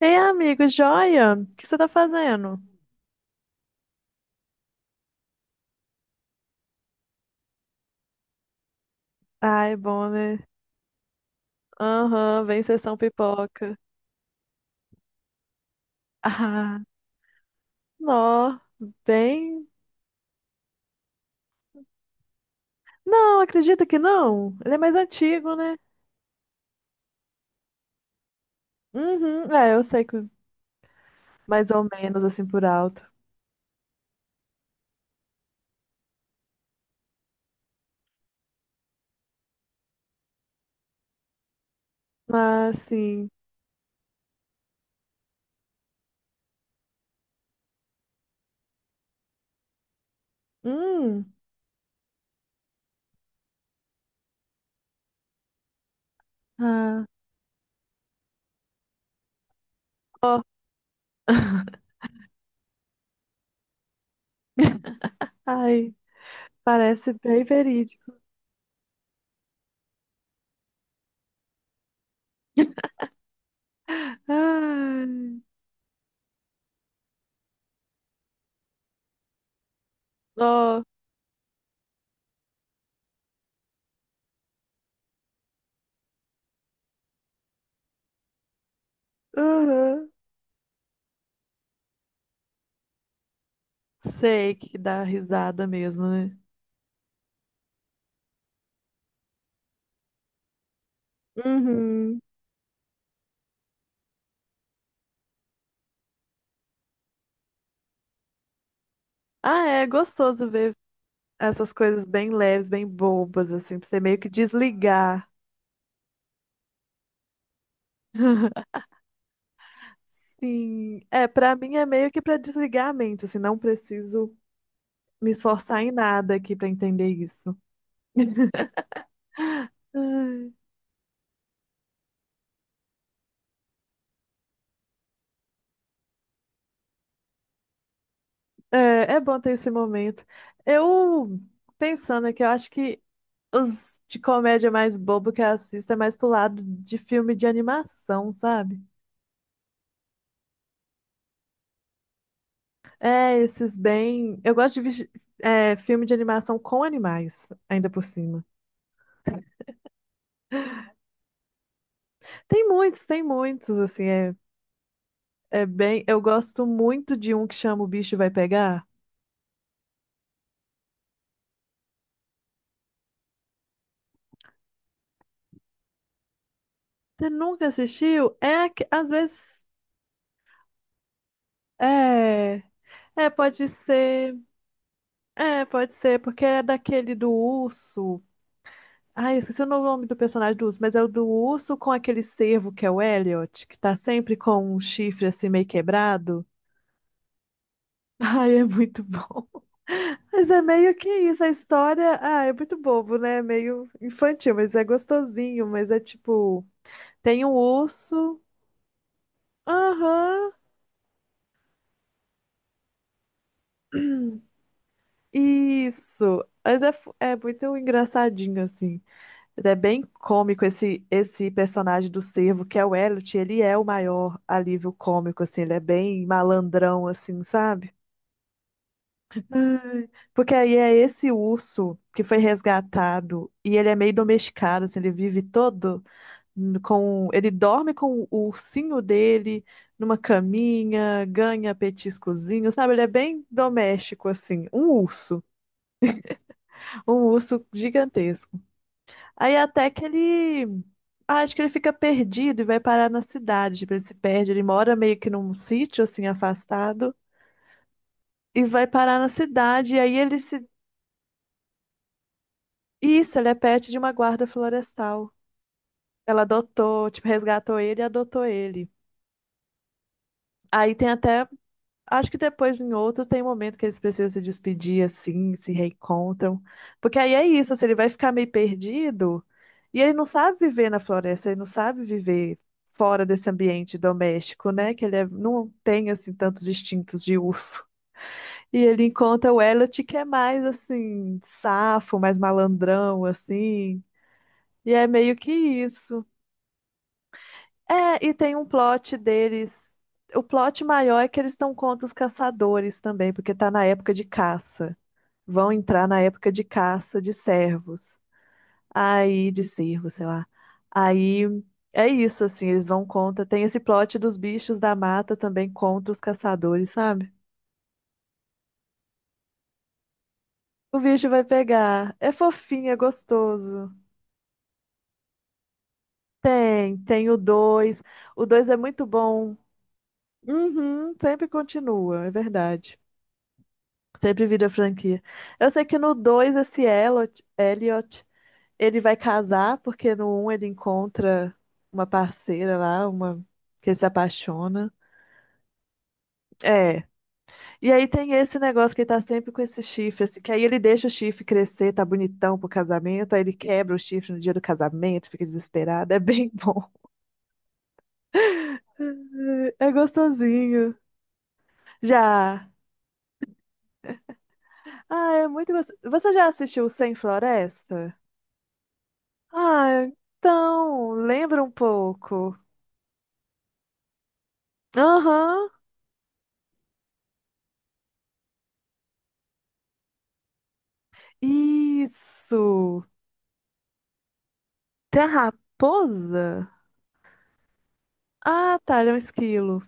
Ei, amigo, joia? O que você tá fazendo? Ai, bom, né? Aham, vem sessão pipoca. Ah, nó, bem. Não, acredito que não. Ele é mais antigo, né? Uhum, é, eu sei que mais ou menos assim por alto. Ah, sim. Hum, ah, ó. Ai, parece bem verídico. Ai, ó, uhum. Sei que dá risada mesmo, né? Uhum. Ah, é gostoso ver essas coisas bem leves, bem bobas, assim, pra você meio que desligar. Sim, é, pra mim é meio que pra desligar a mente, assim, não preciso me esforçar em nada aqui pra entender isso. Ai, É, é bom ter esse momento. Eu, pensando aqui, eu acho que os de comédia mais bobo que eu assisto é mais pro lado de filme de animação, sabe? É, esses bem. Eu gosto de vesti- É, filme de animação com animais, ainda por cima. Tem muitos, assim, é, é bem. Eu gosto muito de um que chama O Bicho Vai Pegar. Você nunca assistiu? É, que às vezes. É, é, pode ser. É, pode ser, porque é daquele do urso. Ai, eu esqueci o nome do personagem do urso, mas é o do urso com aquele cervo que é o Elliot, que tá sempre com um chifre assim meio quebrado. Ai, é muito bom. Mas é meio que isso, a história, ah, é muito bobo, né? É meio infantil, mas é gostosinho, mas é tipo, tem um urso, aham, isso. Mas é, é muito engraçadinho, assim. É bem cômico esse personagem do cervo, que é o Elliot, ele é o maior alívio cômico, assim, ele é bem malandrão, assim, sabe? Ai, porque aí é esse urso que foi resgatado e ele é meio domesticado, assim, ele vive todo com ele dorme com o ursinho dele numa caminha, ganha petiscozinho, sabe? Ele é bem doméstico assim, um urso gigantesco. Aí até que ele ah, acho que ele fica perdido e vai parar na cidade, tipo, ele se perde, ele mora meio que num sítio assim afastado e vai parar na cidade e aí ele se Isso, ele é pet de uma guarda florestal. Ela adotou, tipo, resgatou ele e adotou ele. Aí tem até acho que depois, em outro, tem momento que eles precisam se despedir, assim, se reencontram. Porque aí é isso, assim, ele vai ficar meio perdido e ele não sabe viver na floresta, ele não sabe viver fora desse ambiente doméstico, né? Que não tem, assim, tantos instintos de urso. E ele encontra o Elliot, que é mais, assim, safo, mais malandrão, assim. E é meio que isso. É, e tem um plot deles. O plot maior é que eles estão contra os caçadores também, porque tá na época de caça. Vão entrar na época de caça de servos. Aí, de cervos sei lá. Aí é isso, assim, eles vão contra. Tem esse plot dos bichos da mata também contra os caçadores, sabe? O bicho vai pegar. É fofinho, é gostoso. Tem o 2. O 2 é muito bom. Uhum, sempre continua, é verdade. Sempre vira franquia. Eu sei que no 2 esse Elliot, ele vai casar, porque no um ele encontra uma parceira lá, uma que ele se apaixona. É. E aí tem esse negócio que ele tá sempre com esse chifre, assim, que aí ele deixa o chifre crescer, tá bonitão pro casamento, aí ele quebra o chifre no dia do casamento, fica desesperado, é bem bom. É gostosinho. Já. Ah, é muito gostoso. Você já assistiu Sem Floresta? Ah, então, lembra um pouco. Aham, isso. Tem a raposa? Ah, tá, ele é um esquilo.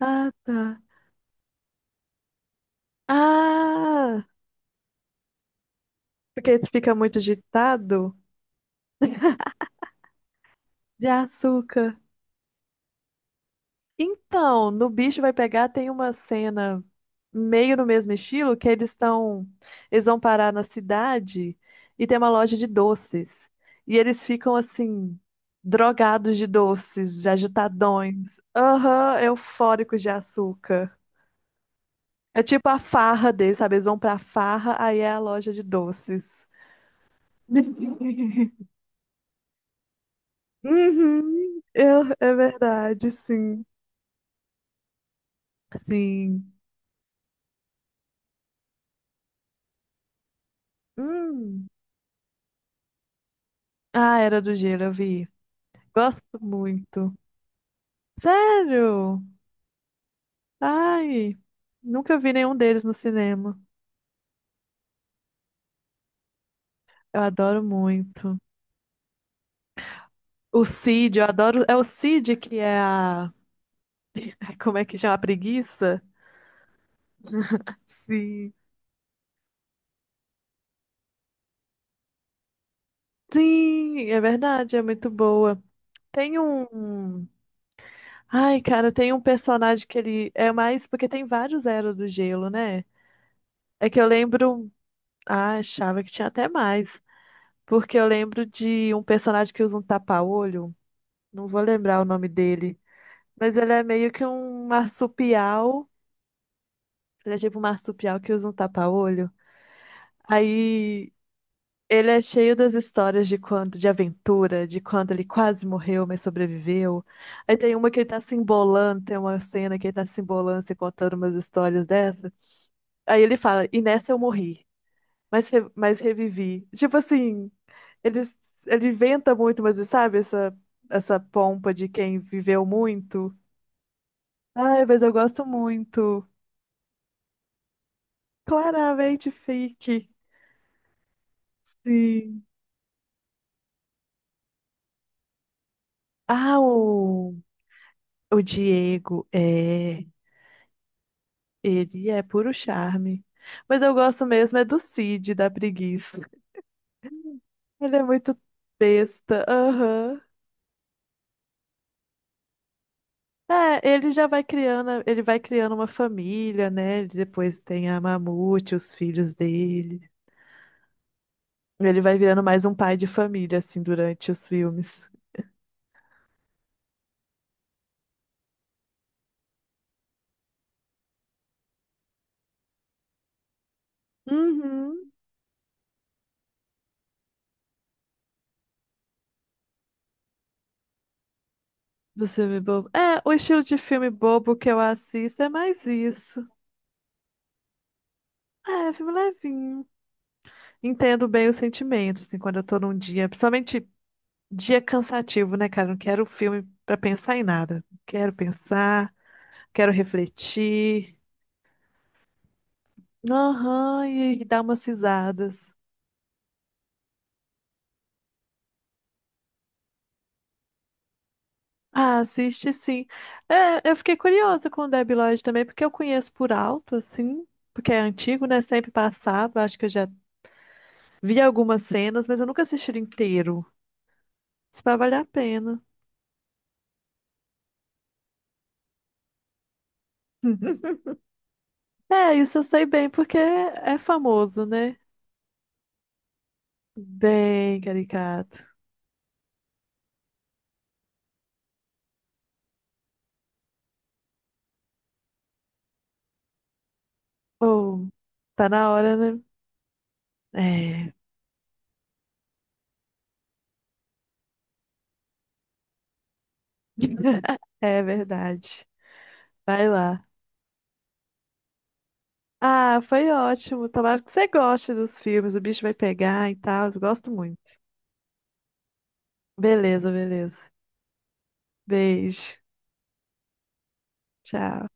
Ah, tá. Ah, porque ele fica muito agitado de açúcar. Então, no Bicho Vai Pegar tem uma cena meio no mesmo estilo que eles estão, eles vão parar na cidade e tem uma loja de doces. E eles ficam assim, drogados de doces, de agitadões, aham, eufóricos de açúcar. É tipo a farra deles, sabe? Eles vão pra farra, aí é a loja de doces. Uhum, é verdade, sim. Sim. Hum. Ah, Era do Gelo, eu vi. Gosto muito. Sério? Ai, nunca vi nenhum deles no cinema. Eu adoro muito. O Cid, eu adoro. É o Cid que é a. Como é que chama? A preguiça? Sim. Sim, é verdade, é muito boa. Tem um. Ai, cara, tem um personagem que ele é mais. Porque tem vários Era do Gelo, né? É que eu lembro. Ah, achava que tinha até mais. Porque eu lembro de um personagem que usa um tapa-olho. Não vou lembrar o nome dele. Mas ele é meio que um marsupial. Ele é tipo um marsupial que usa um tapa-olho. Aí ele é cheio das histórias de quando, de aventura, de quando ele quase morreu, mas sobreviveu. Aí tem uma que ele tá se embolando, tem uma cena que ele tá se embolando, se contando umas histórias dessa. Aí ele fala, e nessa eu morri, mas revivi. Tipo assim, ele, ele inventa muito, mas sabe essa pompa de quem viveu muito? Ai, mas eu gosto muito. Claramente fake. Sim. Ah, o Diego é. Ele é puro charme. Mas eu gosto mesmo é do Cid, da preguiça. Ele é muito besta. Aham. É, ele já vai criando, ele vai criando uma família, né? Ele depois tem a Mamute, os filhos dele. Ele vai virando mais um pai de família, assim, durante os filmes. Uhum. Do filme bobo. É, o estilo de filme bobo que eu assisto é mais isso. É, filme levinho. Entendo bem o sentimento, assim, quando eu tô num dia, principalmente dia cansativo, né, cara? Não quero filme pra pensar em nada. Quero pensar, quero refletir. Aham, e dar umas risadas. Ah, assiste sim. É, eu fiquei curiosa com o Debi Lloyd também, porque eu conheço por alto, assim, porque é antigo, né? Sempre passado. Acho que eu já vi algumas cenas, mas eu nunca assisti ele inteiro. Isso vai valer a pena. É, isso eu sei bem, porque é famoso, né? Bem caricato. Ou, tá na hora, né? É. É verdade. Vai lá. Ah, foi ótimo. Tomara que você goste dos filmes. O bicho vai pegar e tal. Eu gosto muito. Beleza, beleza. Beijo. Tchau.